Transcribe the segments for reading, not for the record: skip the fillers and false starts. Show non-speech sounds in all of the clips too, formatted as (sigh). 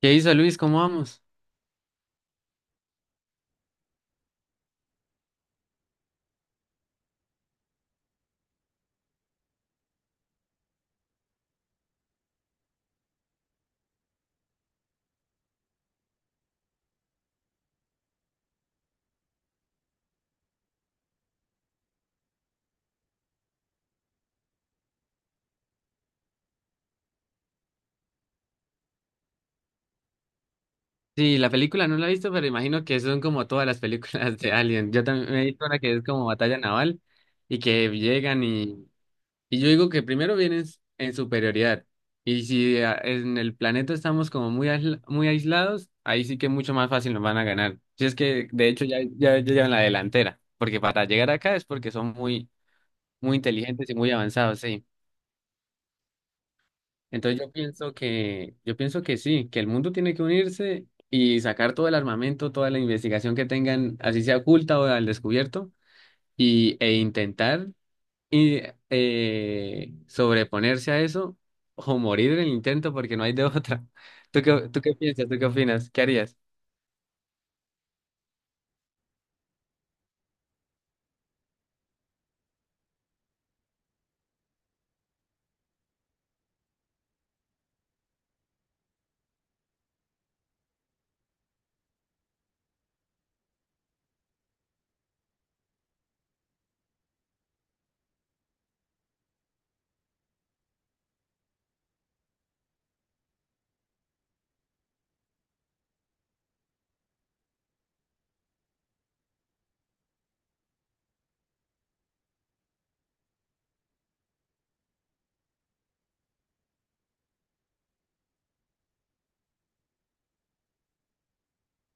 ¿Qué hizo Luis? ¿Cómo vamos? Sí, la película no la he visto, pero imagino que son como todas las películas de Alien. Yo también me he visto una que es como batalla naval y que llegan y yo digo que primero vienen en superioridad. Y si en el planeta estamos como muy, muy aislados, ahí sí que mucho más fácil nos van a ganar. Si es que de hecho ya llevan la delantera, porque para llegar acá es porque son muy, muy inteligentes y muy avanzados, sí. Entonces yo pienso que sí, que el mundo tiene que unirse y sacar todo el armamento, toda la investigación que tengan, así sea oculta o al descubierto, e intentar y sobreponerse a eso o morir en el intento porque no hay de otra. (laughs) ¿Tú qué piensas? ¿Tú qué opinas? ¿Qué harías?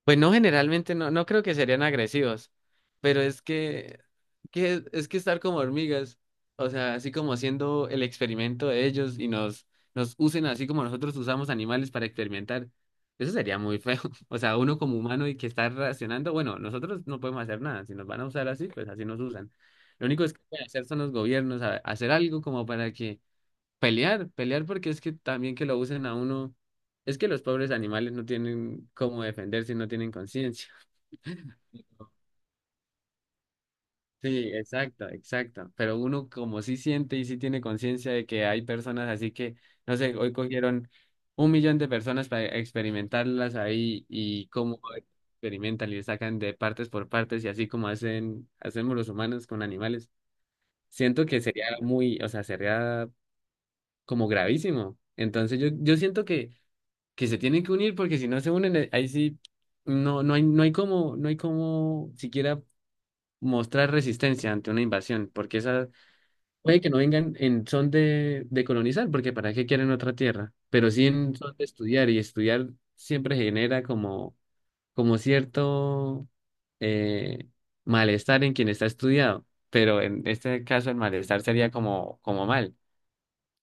Pues no, generalmente no creo que serían agresivos, pero es que estar como hormigas, o sea, así como haciendo el experimento de ellos y nos usen así como nosotros usamos animales para experimentar, eso sería muy feo. (laughs) O sea, uno como humano y que está reaccionando, bueno, nosotros no podemos hacer nada, si nos van a usar así, pues así nos usan. Lo único es que pueden hacer son los gobiernos, hacer algo como para que pelear porque es que también que lo usen a uno, es que los pobres animales no tienen cómo defenderse, no tienen conciencia. Sí, exacta, exacta. Pero uno como sí siente y sí tiene conciencia de que hay personas así que, no sé, hoy cogieron un millón de personas para experimentarlas ahí y cómo experimentan y le sacan de partes por partes y así como hacen, hacemos los humanos con animales. Siento que sería muy, o sea, sería como gravísimo. Entonces yo siento que se tienen que unir porque si no se unen, ahí sí no, no hay, no hay como, no hay como siquiera mostrar resistencia ante una invasión, porque esa, puede que no vengan en son de colonizar, porque ¿para qué quieren otra tierra? Pero sí en son de estudiar, y estudiar siempre genera como cierto, eh, malestar en quien está estudiado, pero en este caso el malestar sería como, como mal.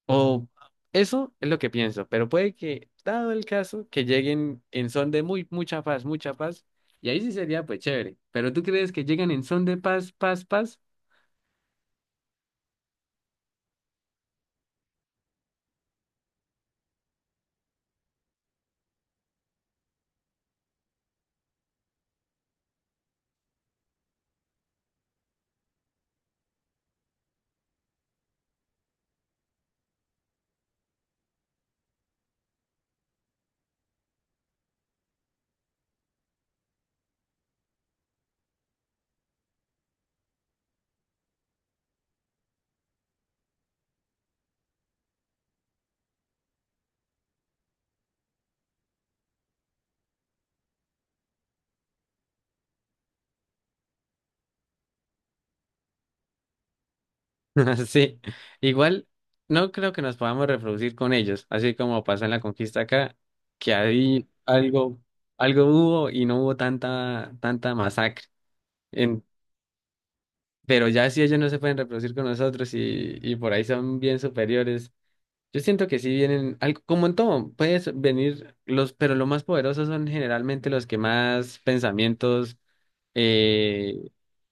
O eso es lo que pienso, pero puede que, dado el caso, que lleguen en son de mucha paz, y ahí sí sería pues chévere. Pero ¿tú crees que llegan en son de paz, paz, paz? (laughs) Sí, igual no creo que nos podamos reproducir con ellos, así como pasó en la conquista acá, que ahí algo hubo y no hubo tanta, tanta masacre. En- pero ya si ellos no se pueden reproducir con nosotros y por ahí son bien superiores, yo siento que sí vienen, algo, como en todo, puedes venir los, pero los más poderosos son generalmente los que más pensamientos, eh,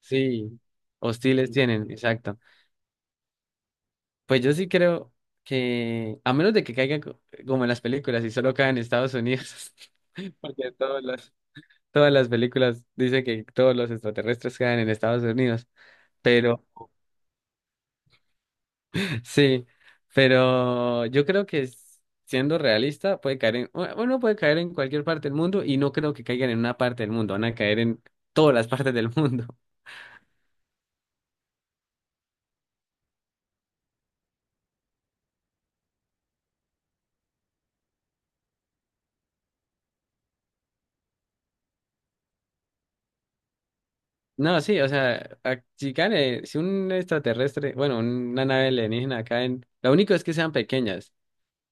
sí, hostiles tienen, exacto. Pues yo sí creo que, a menos de que caiga como en las películas y solo cae en Estados Unidos, (laughs) porque todas las películas dicen que todos los extraterrestres caen en Estados Unidos, pero (laughs) sí, pero yo creo que siendo realista puede caer en, uno puede caer en cualquier parte del mundo y no creo que caigan en una parte del mundo, van a caer en todas las (laughs) partes del mundo. No, sí, o sea, si caen, si un extraterrestre, bueno, una nave alienígena caen, lo único es que sean pequeñas,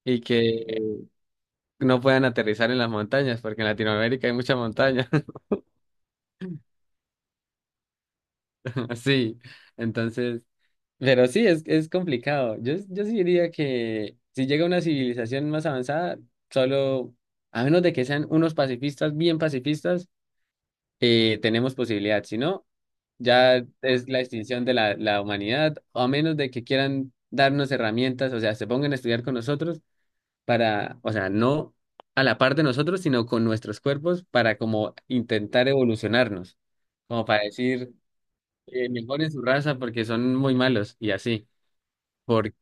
y que no puedan aterrizar en las montañas, porque en Latinoamérica hay mucha montaña. (laughs) Sí, entonces, pero sí, es complicado. Yo sí diría que si llega una civilización más avanzada, solo, a menos de que sean unos pacifistas, bien pacifistas, tenemos posibilidad. Si no, ya es la extinción de la humanidad, o a menos de que quieran darnos herramientas, o sea, se pongan a estudiar con nosotros, para, o sea, no a la par de nosotros, sino con nuestros cuerpos para como intentar evolucionarnos, como para decir, mejoren su raza porque son muy malos y así. Por,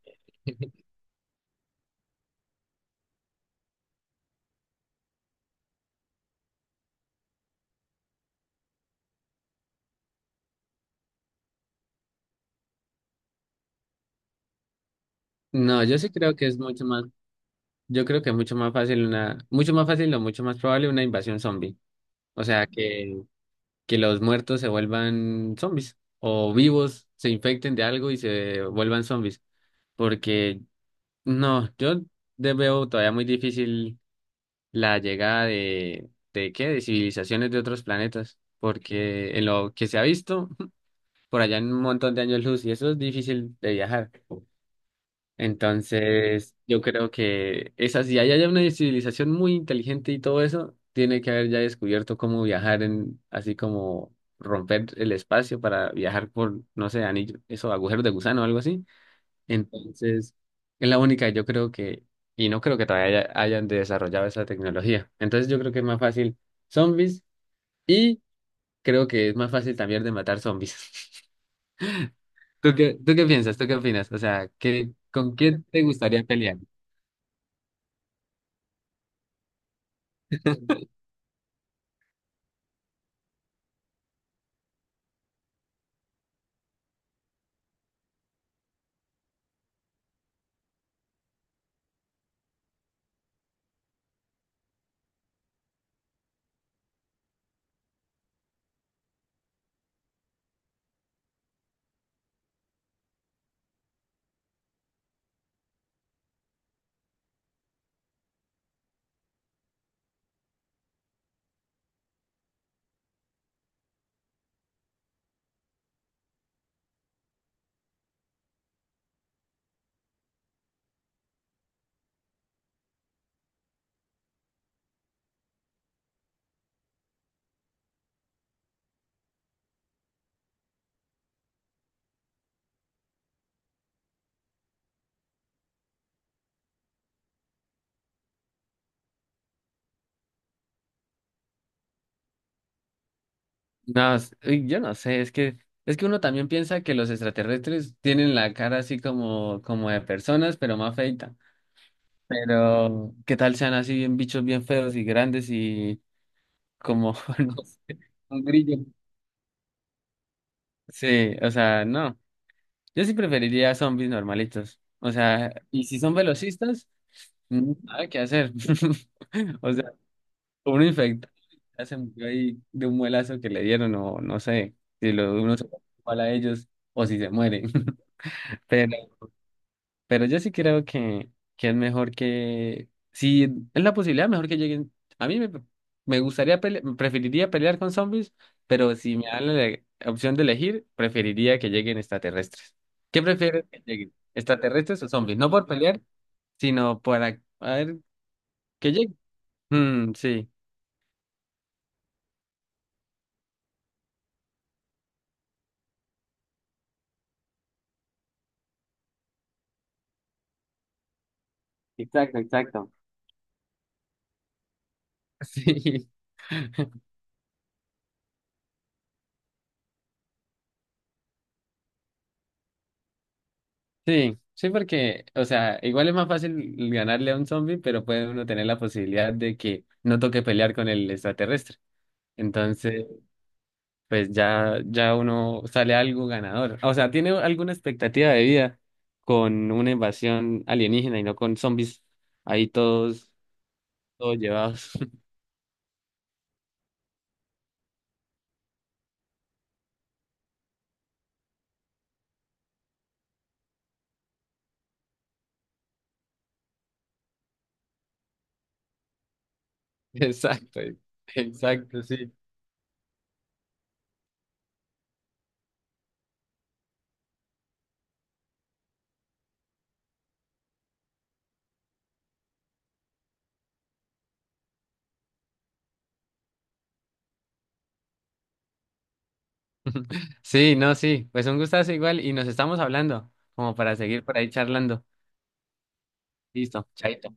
no, yo sí creo que es mucho más, fácil una, mucho más fácil o mucho más probable una invasión zombie. O sea, que los muertos se vuelvan zombies o vivos se infecten de algo y se vuelvan zombies. Porque no, yo veo todavía muy difícil la llegada ¿de qué? De civilizaciones de otros planetas, porque en lo que se ha visto, (laughs) por allá en un montón de años luz, y eso es difícil de viajar. Entonces, yo creo que esa, si hay allá una civilización muy inteligente y todo eso, tiene que haber ya descubierto cómo viajar en, así como romper el espacio para viajar por, no sé, anillo, eso, agujeros de gusano o algo así. Entonces, es la única, yo creo que, y no creo que todavía hayan desarrollado esa tecnología. Entonces, yo creo que es más fácil zombies y creo que es más fácil también de matar zombies. (laughs) ¿Tú qué piensas? ¿Tú qué opinas? O sea, ¿qué, con quién te gustaría pelear? (laughs) No, uy, yo no sé, es que uno también piensa que los extraterrestres tienen la cara así como como de personas, pero más feita. Pero ¿qué tal sean así bien bichos bien feos y grandes y como (laughs) no sé, un grillo. Sí, o sea, no. Yo sí preferiría zombies normalitos. O sea, y si son velocistas, nada que hacer. (laughs) O sea, uno infectado ya se murió ahí de un muelazo que le dieron, o no sé, si lo, uno se igual a ellos, o si se mueren. (laughs) Pero yo sí creo que es mejor que, si es la posibilidad, mejor que lleguen. A mí me, me gustaría, preferiría pelear con zombies, pero si me dan la opción de elegir, preferiría que lleguen extraterrestres. ¿Qué prefieres que lleguen? ¿Extraterrestres o zombies? No por pelear, sino para, a ver, que lleguen. Mm, sí. Exacto, exacto. (laughs) Sí. Sí, sí, porque, o sea, igual es más fácil ganarle a un zombie, pero puede uno tener la posibilidad de que no toque pelear con el extraterrestre. Entonces, pues ya, ya uno sale algo ganador. O sea, tiene alguna expectativa de vida con una invasión alienígena y no con zombies ahí todos, todos llevados. (laughs) Exacto, exacto, sí. (laughs) Sí, no, sí. Pues un gustazo igual y nos estamos hablando como para seguir por ahí charlando. Listo, chaito.